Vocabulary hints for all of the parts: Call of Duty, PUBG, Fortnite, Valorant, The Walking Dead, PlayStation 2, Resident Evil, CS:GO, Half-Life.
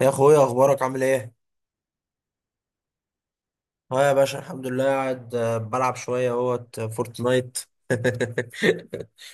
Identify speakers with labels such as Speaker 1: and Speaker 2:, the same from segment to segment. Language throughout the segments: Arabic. Speaker 1: يا اخويا، اخبارك عامل ايه؟ اه يا باشا، الحمد لله قاعد، بلعب شويه اهوت فورتنايت.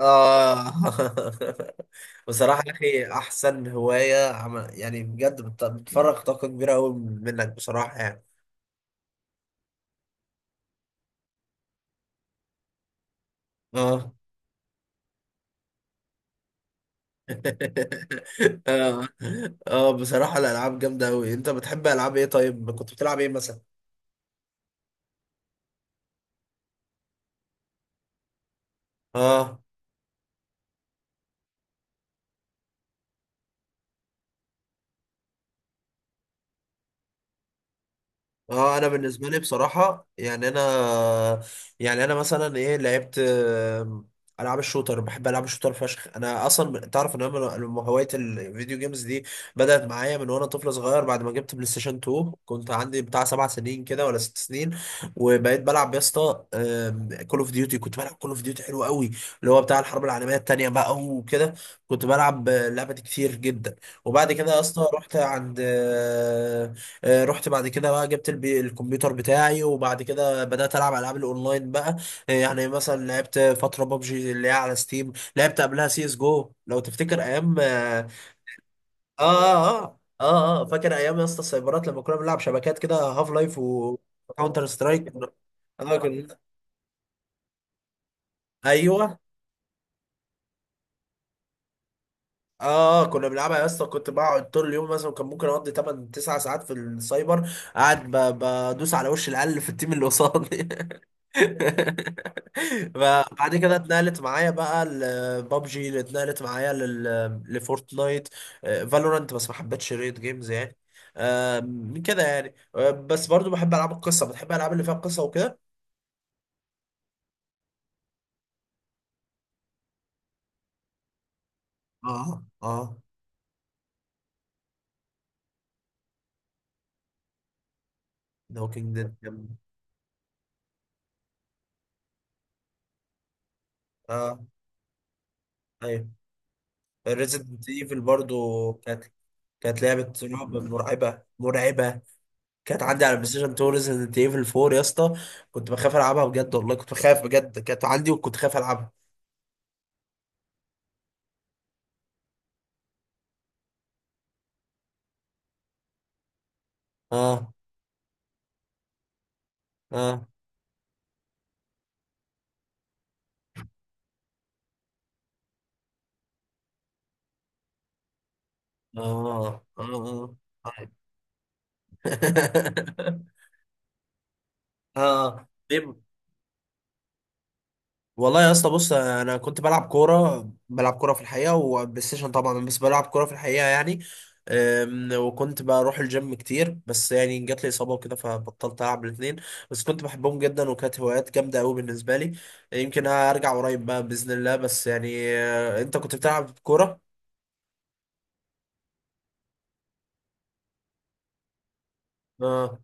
Speaker 1: اه. بصراحه يا اخي، احسن هوايه يعني بجد بتفرغ طاقه كبيره قوي منك بصراحه يعني. اه. اه، اه. بصراحه الالعاب جامده قوي، انت بتحب العاب ايه؟ طيب كنت بتلعب ايه مثلا؟ اه، اه. انا بالنسبه لي بصراحه يعني انا، يعني انا مثلا ايه لعبت، العاب الشوتر، بحب العاب الشوتر فشخ. انا اصلا تعرف ان انا من هوايه الفيديو جيمز دي، بدات معايا من وانا طفل صغير، بعد ما جبت بلاي ستيشن 2 كنت عندي بتاع 7 سنين كده ولا 6 سنين. وبقيت بلعب يا اسطى كول اوف ديوتي، كنت بلعب كول اوف ديوتي حلو قوي، اللي هو بتاع الحرب العالميه الثانيه بقى وكده. كنت بلعب اللعبه دي كتير جدا. وبعد كده يا اسطى رحت عند، رحت بعد كده بقى، الكمبيوتر بتاعي، وبعد كده بدأت ألعب ألعاب الأونلاين بقى. يعني مثلا لعبت فترة بابجي اللي هي على ستيم، لعبت قبلها سي اس جو لو تفتكر أيام، فاكر أيام يا اسطى السايبرات لما كنا بنلعب شبكات كده، هاف لايف وكاونتر سترايك. كنا، أيوه. كنا بنلعبها يا اسطى، كنت بقعد طول اليوم، مثلا كان ممكن اقضي 8 9 ساعات في السايبر، قاعد بدوس على وش العيال اللي في التيم اللي قصادي. فبعد كده اتنقلت معايا بقى لبابجي، اللي اتنقلت معايا لفورتنايت، فالورانت. بس ما حبيتش ريد جيمز يعني. كده يعني. بس برضو بحب العاب القصه، بتحب الالعاب اللي فيها قصه وكده. اه، اه. ذا ووكينج ديد. اه، ايوه. ريزيدنت ايفل برضو كانت، كانت لعبه رعب، مرعبه مرعبه. كانت عندي على البلاي ستيشن 2 ريزيدنت ايفل 4 يا اسطى، كنت بخاف العبها بجد والله، كنت بخاف بجد، كانت عندي وكنت خايف العبها. اه، اه، اه، اه، اه. اه، طيب. والله يا اسطى بص، انا كنت بلعب كوره، بلعب كوره في الحقيقه وبلاي ستيشن طبعا، بس بلعب كوره في الحقيقه يعني. وكنت بروح الجيم كتير، بس يعني جات لي اصابه وكده فبطلت العب الاثنين. بس كنت بحبهم جدا وكانت هوايات جامده قوي بالنسبه لي. يمكن هرجع قريب بقى باذن الله. بس يعني انت كنت بتلعب كوره؟ اه،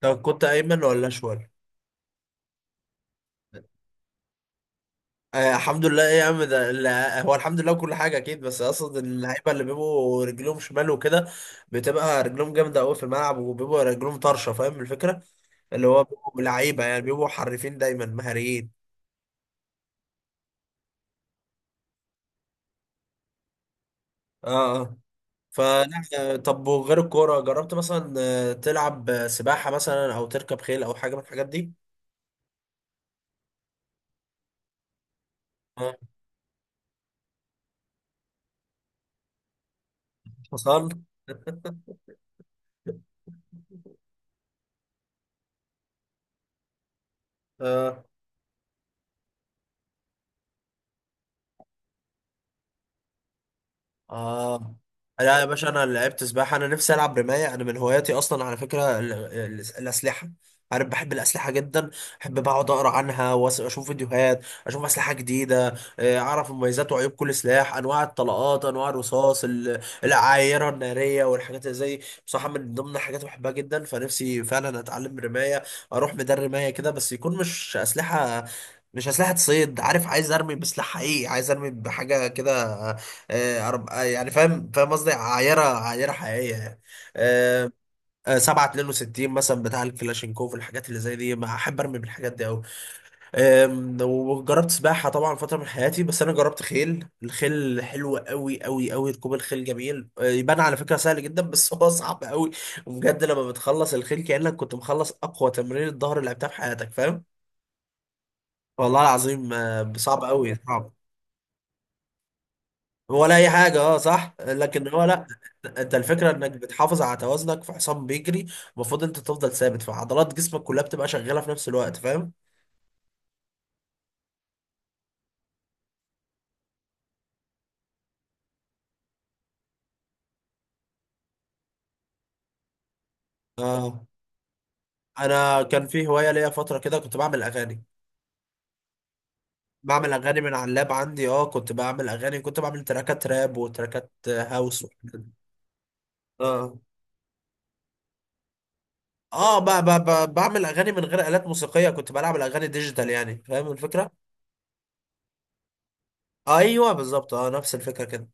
Speaker 1: طب كنت ايمن ولا اشول؟ آه الحمد لله ايه يا عم، هو الحمد لله كل حاجه اكيد، بس اقصد اللعيبه اللي بيبقوا رجلهم شمال وكده، بتبقى رجلهم جامده قوي في الملعب وبيبقوا رجلهم طرشه، فاهم الفكره؟ اللي هو بيبقوا لعيبه، يعني بيبقوا حريفين دايما مهاريين. اه، اه. فلا، طب وغير الكوره، جربت مثلا تلعب سباحه مثلا او تركب خيل او حاجه من الحاجات دي؟ آه، حصان. اه. لا يا باشا، انا لعبت سباحه، انا نفسي العب رمايه. انا من هواياتي اصلا على فكره الاسلحه، عارف، بحب الاسلحه جدا. بحب بقعد اقرا عنها واشوف فيديوهات، اشوف اسلحه جديده، اعرف مميزات وعيوب كل سلاح، انواع الطلقات، انواع الرصاص، العايره الناريه والحاجات اللي زي. بصراحه من ضمن الحاجات اللي بحبها جدا. فنفسي فعلا اتعلم رمايه، اروح ميدان رمايه كده. بس يكون مش اسلحه، مش اسلحه صيد، عارف، عايز ارمي بسلاح حقيقي، عايز ارمي بحاجه كده. آه، أرب... آه، يعني فاهم فاهم قصدي، عايره عايره حقيقيه يعني. آه، 7.62 مثلا بتاع الكلاشينكوف. الحاجات اللي زي دي ما احب ارمي بالحاجات دي قوي. وجربت سباحه طبعا فتره من حياتي، بس انا جربت خيل. الخيل حلو قوي قوي قوي، ركوب الخيل جميل. يبان على فكره سهل جدا بس هو صعب قوي. وبجد لما بتخلص الخيل كانك كنت مخلص اقوى تمرين الظهر اللي لعبتها في حياتك، فاهم؟ والله العظيم، صعب قوي صعب. ولا اي حاجه. اه صح، لكن هو لا. انت الفكره انك بتحافظ على توازنك في حصان بيجري، المفروض انت تفضل ثابت، فعضلات جسمك كلها بتبقى شغاله في نفس الوقت، فاهم؟ اه. انا كان في هوايه ليا فتره كده، كنت بعمل اغاني، بعمل اغاني من على اللاب عندي. اه، كنت بعمل اغاني، كنت بعمل تراكات راب وتراكات هاوس وحاجات. اه، اه. ب ب ب بعمل اغاني من غير الات موسيقيه، كنت بلعب الاغاني ديجيتال يعني، فاهم الفكره؟ ايوه بالظبط، اه نفس الفكره كده.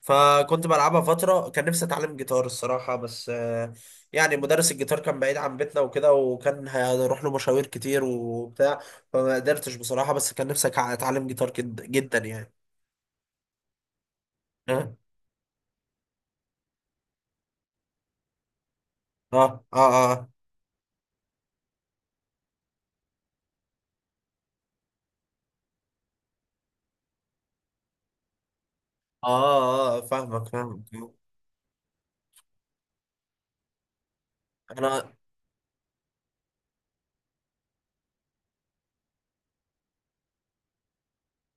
Speaker 1: فكنت بلعبها فتره. كان نفسي اتعلم جيتار الصراحه بس، يعني مدرس الجيتار كان بعيد عن بيتنا وكده، وكان هنروح له مشاوير كتير وبتاع، فما قدرتش بصراحه. بس كان نفسي اتعلم جيتار جدا يعني. اه، اه، اه، اه، اه. فاهمك فاهمك. انا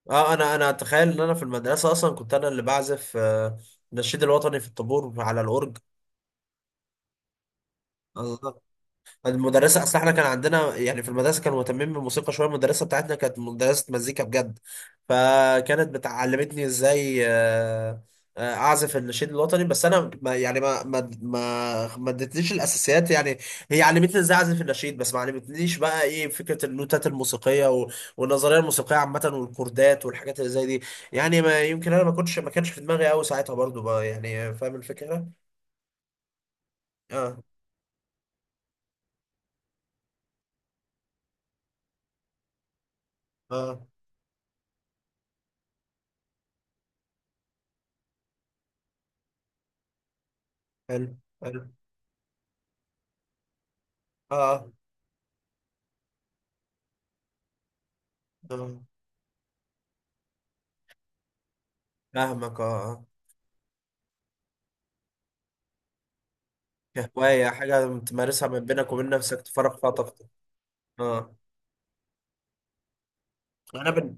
Speaker 1: انا اتخيل ان انا في المدرسه اصلا كنت انا اللي بعزف، النشيد الوطني في الطابور على الاورج. المدرسة، أصل إحنا كان عندنا يعني في المدرسة كانوا مهتمين بالموسيقى شوية، المدرسة بتاعتنا كانت مدرسة مزيكا بجد. فكانت بتعلمتني إزاي، أعزف النشيد الوطني. بس أنا ما يعني، ما ادتنيش الأساسيات يعني. هي علمتني إزاي أعزف النشيد، بس ما علمتنيش بقى إيه فكرة النوتات الموسيقية والنظرية الموسيقية عامة والكوردات والحاجات اللي زي دي. يعني ما يمكن أنا ما كنتش، ما كانش في دماغي أوي ساعتها برضو بقى يعني، فاهم الفكرة؟ آه، آه. حلو حلو. آه آه آه. فاهمك. اه، اه. كهواية، حاجة تمارسها من بينك وبين نفسك، تفرغ فيها طاقتك. اه. انا بن...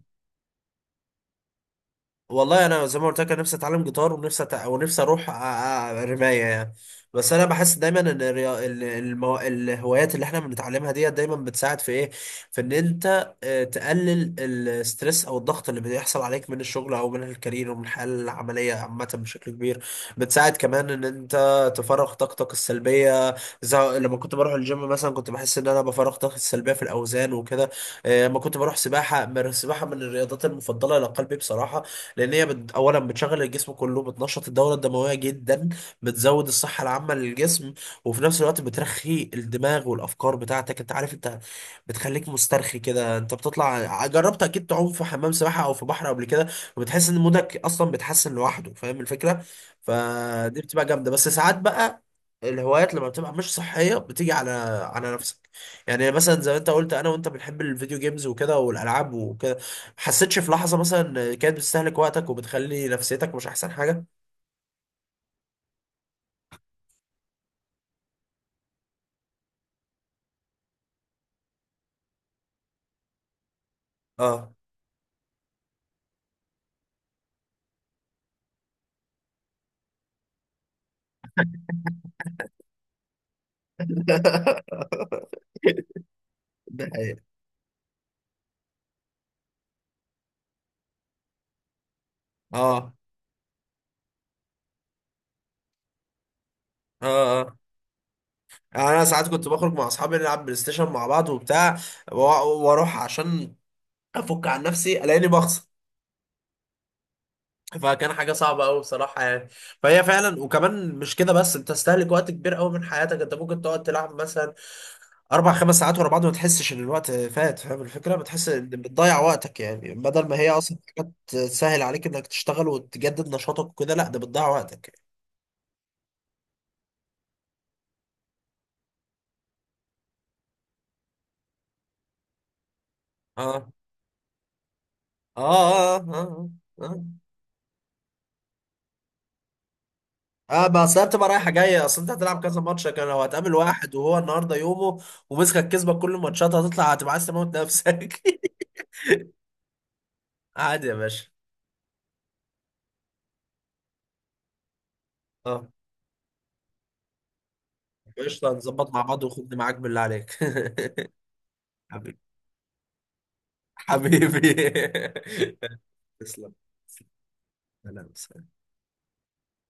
Speaker 1: والله انا زي ما قلت لك، انا نفسي اتعلم جيتار، ونفسي ونفسي اروح رمايه يعني. بس انا بحس دايما ان الهوايات اللي احنا بنتعلمها ديت دايما بتساعد في ايه، في ان انت تقلل الستريس او الضغط اللي بيحصل عليك من الشغل او من الكارير، ومن الحياه العمليه عامه بشكل كبير. بتساعد كمان ان انت تفرغ طاقتك السلبيه، زي لما كنت بروح الجيم مثلا، كنت بحس ان انا بفرغ طاقتي السلبيه في الاوزان وكده. لما كنت بروح سباحه، السباحه من الرياضات المفضله لقلبي بصراحه. لان هي اولا بتشغل الجسم كله، بتنشط الدوره الدمويه جدا، بتزود الصحه العامه للجسم. وفي نفس الوقت بترخي الدماغ والافكار بتاعتك، انت عارف انت، بتخليك مسترخي كده، انت بتطلع جربت اكيد تعوم في حمام سباحه او في بحر قبل كده، وبتحس ان مودك اصلا بيتحسن لوحده، فاهم الفكره؟ فدي بتبقى جامده. بس ساعات بقى الهوايات لما بتبقى مش صحيه بتيجي على نفسك. يعني مثلا زي ما انت قلت، انا وانت بنحب الفيديو جيمز وكده والالعاب وكده، حسيتش في لحظة مثلا كانت بتستهلك وقتك وبتخلي نفسيتك مش أحسن حاجة؟ اه. ده حقيقة. اه، اه، اه. يعني انا ساعات كنت بخرج مع اصحابي، نلعب بلاي ستيشن مع بعض وبتاع، واروح عشان افك عن نفسي، الاقيني بخسر. فكان حاجه صعبه قوي بصراحه يعني. فهي فعلا، وكمان مش كده بس، انت تستهلك وقت كبير قوي من حياتك. انت ممكن تقعد تلعب مثلا 4 5 ساعات ورا بعض، ما تحسش ان الوقت فات، فاهم الفكره؟ بتحس ان بتضيع وقتك يعني، بدل ما هي اصلا حاجات تسهل عليك انك تشتغل وتجدد نشاطك وكده، لا ده بتضيع وقتك يعني. اه، اه، اه، اه، اه، اه. بس هي بتبقى رايحه جايه، اصل انت هتلعب كذا ماتش. لكن لو هتقابل واحد وهو النهارده يومه ومسكك كسبك كل الماتشات، هتطلع هتبقى عايز تموت نفسك. عادي يا باشا. اه قشطه، نظبط مع بعض وخدني معاك بالله عليك. حبيبي، حبيبي. تسلم. سلام.